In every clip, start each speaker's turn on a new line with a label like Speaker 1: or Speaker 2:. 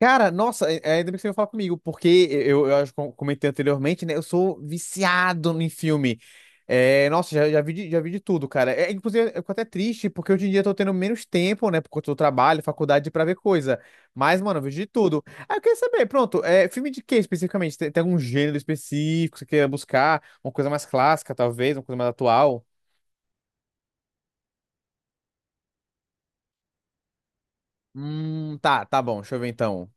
Speaker 1: Cara, nossa, ainda bem que você veio falar comigo, porque eu acho que eu comentei anteriormente, né? Eu sou viciado em filme. É, nossa, já vi de tudo, cara. É, inclusive, eu fico até triste, porque hoje em dia eu tô tendo menos tempo, né? Por conta do trabalho, faculdade, pra ver coisa. Mas, mano, eu vejo de tudo. Aí eu queria saber, pronto, filme de quê especificamente? Tem algum gênero específico que você queira buscar? Uma coisa mais clássica, talvez, uma coisa mais atual? Tá bom, deixa eu ver então.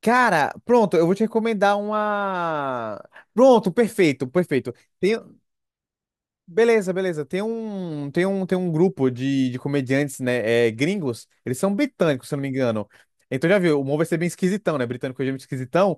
Speaker 1: Cara, pronto, eu vou te recomendar uma. Pronto, perfeito, perfeito. Tem, Beleza, beleza. Tem um grupo de comediantes, né, gringos. Eles são britânicos, se eu não me engano. Então já viu, o humor vai ser bem esquisitão, né? Britânico é muito esquisitão.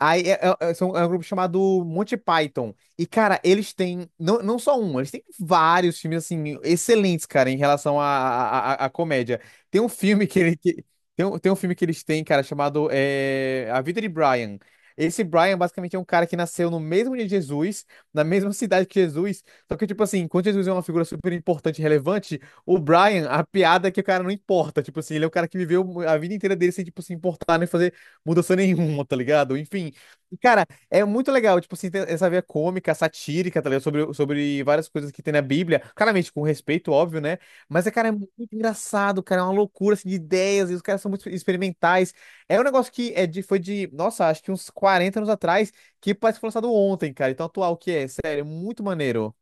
Speaker 1: Aí é um grupo chamado Monty Python. E, cara, eles têm, não, não só um, eles têm vários filmes, assim, excelentes, cara, em relação à comédia. Tem um filme que ele, que, tem um filme que eles têm, cara, chamado A Vida de Brian. Esse Brian, basicamente, é um cara que nasceu no mesmo dia de Jesus, na mesma cidade que Jesus. Só que, tipo assim, enquanto Jesus é uma figura super importante e relevante, o Brian, a piada é que o cara não importa. Tipo assim, ele é o cara que viveu a vida inteira dele sem, tipo, se importar nem fazer mudança nenhuma, tá ligado? Enfim. E, cara, é muito legal, tipo assim, tem essa veia cômica, satírica, tá ligado? Sobre várias coisas que tem na Bíblia. Claramente, com respeito, óbvio, né? Mas, cara, é muito engraçado, cara. É uma loucura, assim, de ideias. E os caras são muito experimentais. É um negócio que nossa, acho que uns 40 anos atrás, que parece que foi lançado ontem, cara. Então, atual que é, sério, é muito maneiro.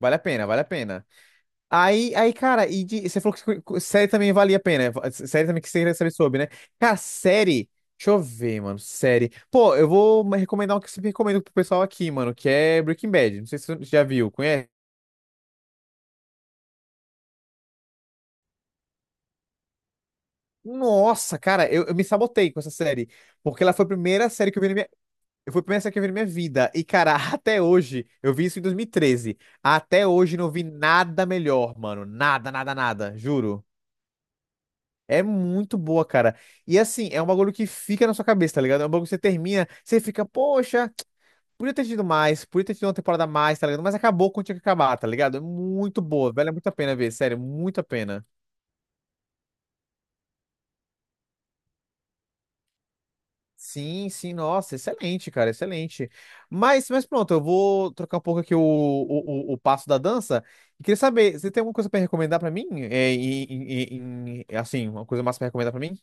Speaker 1: Vale a pena, vale a pena. Aí, cara, você falou que série também valia a pena. Série também que você queria saber sobre, né? Cara, série. Deixa eu ver, mano. Série. Pô, eu vou me recomendar um que eu sempre recomendo pro pessoal aqui, mano, que é Breaking Bad. Não sei se você já viu, conhece? Nossa, cara, eu me sabotei com essa série. Porque ela foi a primeira série que eu vi na minha. Foi a primeira série que eu vi na minha vida. E, cara, até hoje, eu vi isso em 2013. Até hoje não vi nada melhor, mano. Nada, nada, nada. Juro. É muito boa, cara. E assim, é um bagulho que fica na sua cabeça, tá ligado? É um bagulho que você termina, você fica, poxa, podia ter tido mais, podia ter tido uma temporada a mais, tá ligado? Mas acabou quando tinha que acabar, tá ligado? É muito boa, velho. É muito a pena ver, sério, muito a pena. Sim, sim, nossa, excelente, cara, excelente. Mas pronto, eu vou trocar um pouco aqui o passo da dança. E queria saber, você tem alguma coisa pra recomendar pra mim? Assim, uma coisa massa pra recomendar pra mim?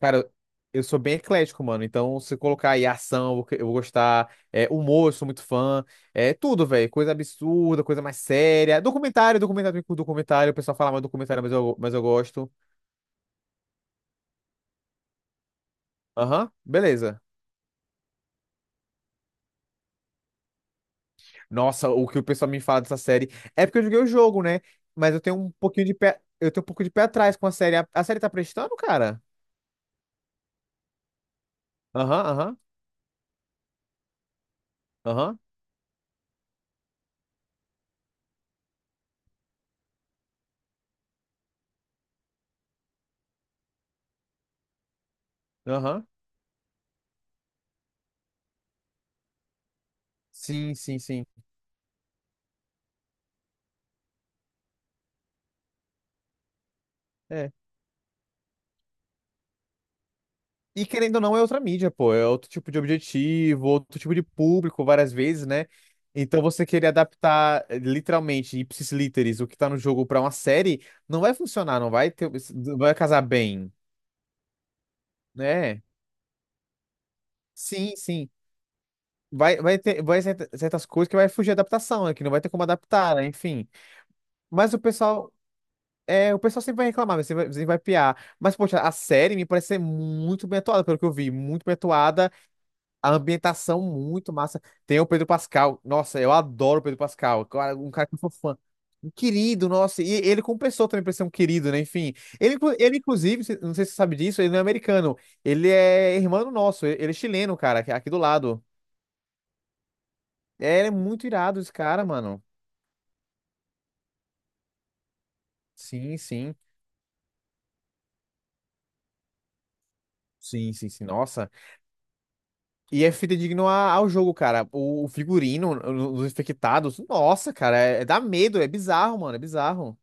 Speaker 1: Cara, eu sou bem eclético, mano. Então, se colocar aí ação, eu vou gostar. É, humor, eu sou muito fã. É tudo, velho. Coisa absurda, coisa mais séria. Documentário, documentário, documentário. O pessoal fala mais documentário, mas eu gosto. Aham, beleza. Nossa, o que o pessoal me fala dessa série. É porque eu joguei o jogo, né? Mas eu tenho um pouquinho de pé. Eu tenho um pouco de pé atrás com a série. A série tá prestando, cara? Aham, aham, aham, aham. Sim, sim, sim. é E querendo ou não, é outra mídia, pô. É outro tipo de objetivo, outro tipo de público, várias vezes, né? Então você querer adaptar literalmente, ipsis literis, o que tá no jogo pra uma série, não vai funcionar, não vai ter, não vai casar bem, né? Sim, sim. Vai ter, certas coisas que vai fugir da adaptação, né? Que não vai ter como adaptar, né? Enfim. Mas o pessoal sempre vai reclamar, sempre vai piar. Mas, poxa, a série me parece ser muito bem atuada, pelo que eu vi, muito bem atuada. A ambientação muito massa. Tem o Pedro Pascal. Nossa, eu adoro o Pedro Pascal. Cara, um cara que eu sou fã. Um querido, nossa. E ele como pessoa também parece ser um querido, né? Enfim. Ele, ele inclusive, não sei se você sabe disso, ele não é americano. Ele é irmão nosso. Ele é chileno, cara, aqui do lado. É, ele é muito irado esse cara, mano. Sim, sim. Sim, sim, sim, nossa. E é fidedigno ao jogo, cara. O figurino, os infectados. Nossa, cara, é dá medo, é bizarro, mano, é bizarro.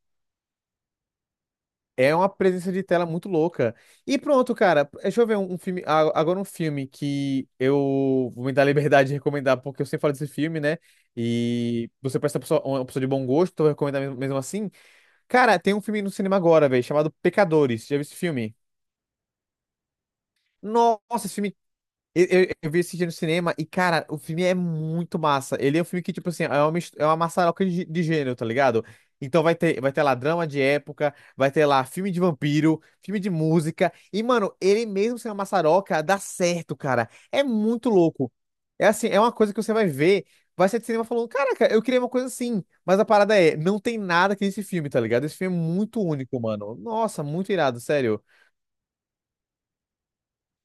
Speaker 1: É uma presença de tela muito louca. E pronto, cara. Deixa eu ver um, um filme. Agora um filme que eu vou me dar a liberdade de recomendar, porque eu sempre falo desse filme, né? E você parece uma pessoa de bom gosto, então eu vou recomendar mesmo, mesmo assim. Cara, tem um filme no cinema agora, velho, chamado Pecadores. Já viu esse filme? Nossa, esse filme eu vi esse dia no cinema e, cara, o filme é muito massa. Ele é um filme que, tipo assim, é uma maçaroca de gênero, tá ligado? Então vai ter lá drama de época, vai ter lá filme de vampiro, filme de música. E, mano, ele mesmo sendo uma maçaroca, dá certo, cara. É muito louco. É assim, é uma coisa que você vai ver, vai sair de cinema falando, caraca, eu queria uma coisa assim. Mas a parada é, não tem nada que esse filme, tá ligado? Esse filme é muito único, mano. Nossa, muito irado, sério.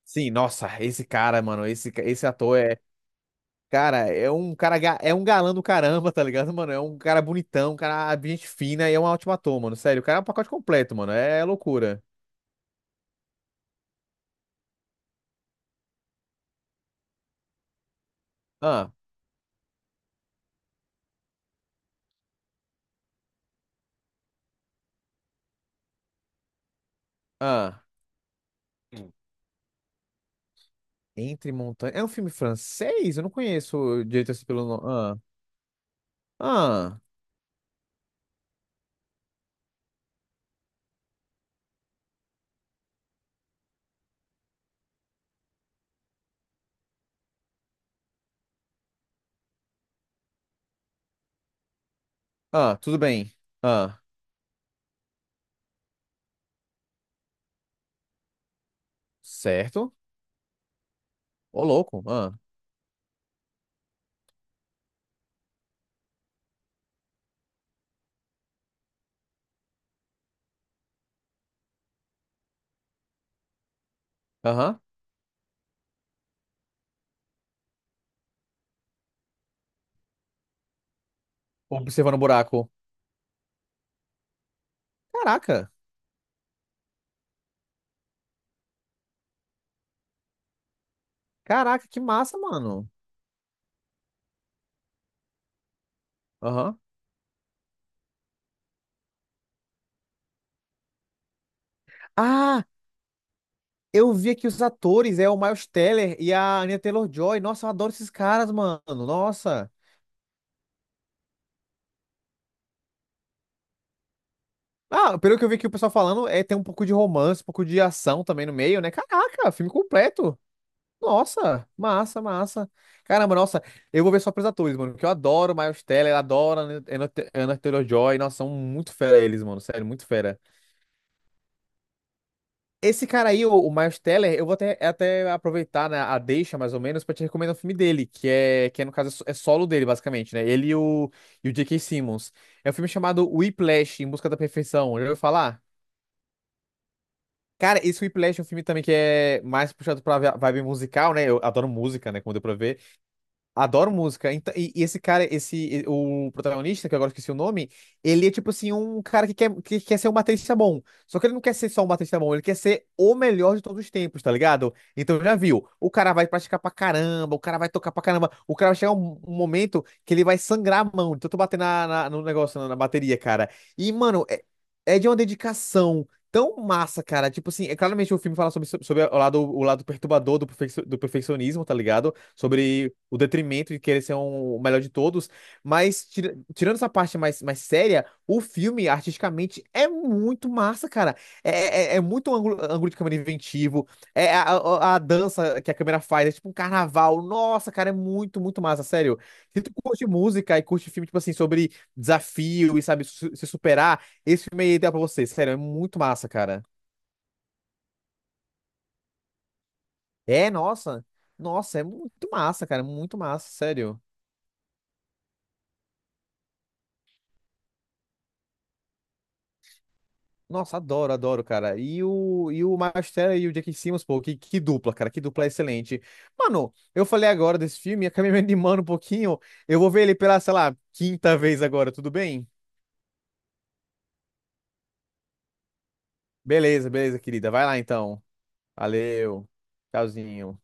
Speaker 1: Sim, nossa, esse cara, mano, esse ator é Cara, é um cara, é um galã do caramba, tá ligado, mano? É um cara bonitão, um cara de gente fina e é um ótimo ator, mano. Sério, o cara é um pacote completo, mano. É loucura. Ah, ah. Hum. Entre Montanhas. É um filme francês? Eu não conheço direito assim pelo nome. Ah, ah, ah, tudo bem. Ah, certo. Ô, louco. Ah, aham. Observando o buraco. Caraca. Caraca, que massa, mano. Aham. Ah, eu vi aqui os atores, o Miles Teller e a Anya Taylor-Joy. Nossa, eu adoro esses caras, mano. Nossa. Ah, pelo que eu vi aqui o pessoal falando, tem um pouco de romance, um pouco de ação também no meio, né? Caraca, filme completo. Nossa, massa, massa. Caramba, nossa, eu vou ver só pros atores, mano, porque eu adoro Miles Teller, adoro a Anya Taylor-Joy. Nossa, são muito fera eles, mano, sério, muito fera. Esse cara aí, o Miles Teller, eu vou até aproveitar, né, a deixa, mais ou menos, pra te recomendar um filme dele, que é, no caso, é solo dele, basicamente, né? Ele e o J.K. Simmons. É um filme chamado Whiplash, Em Busca da Perfeição. Já ouviu falar? Cara, esse Whiplash é um filme também que é mais puxado pra vibe musical, né? Eu adoro música, né? Como deu pra ver. Adoro música. Então, e esse cara, o protagonista, que eu agora eu esqueci o nome, ele é tipo assim, um cara que quer ser um baterista bom. Só que ele não quer ser só um baterista bom, ele quer ser o melhor de todos os tempos, tá ligado? Então já viu, o cara vai praticar pra caramba, o cara vai tocar pra caramba, o cara vai chegar um momento que ele vai sangrar a mão, de tanto bater no negócio, na bateria, cara. E, mano, é de uma dedicação. Tão massa, cara. Tipo assim, é claramente o filme fala sobre, sobre o lado perturbador do perfeccionismo, tá ligado? Sobre o detrimento de querer ser o melhor de todos. Mas, tirando essa parte mais, séria, o filme, artisticamente, é muito massa, cara. É muito um ângulo de câmera inventivo. É a dança que a câmera faz, é tipo um carnaval. Nossa, cara, é muito, muito massa, sério. Se tu curte música e curte filme, tipo assim, sobre desafio e, sabe, se superar, esse filme aí é ideal pra você, sério, é muito massa, cara. É, nossa. Nossa, é muito massa, cara, muito massa, sério. Nossa, adoro, adoro, cara. E o Miles Teller e o Jake Simmons, pô, que dupla, cara, que dupla excelente. Mano, eu falei agora desse filme, acabei me animando um pouquinho. Eu vou ver ele pela, sei lá, quinta vez agora, tudo bem? Beleza, beleza, querida. Vai lá então. Valeu. Tchauzinho.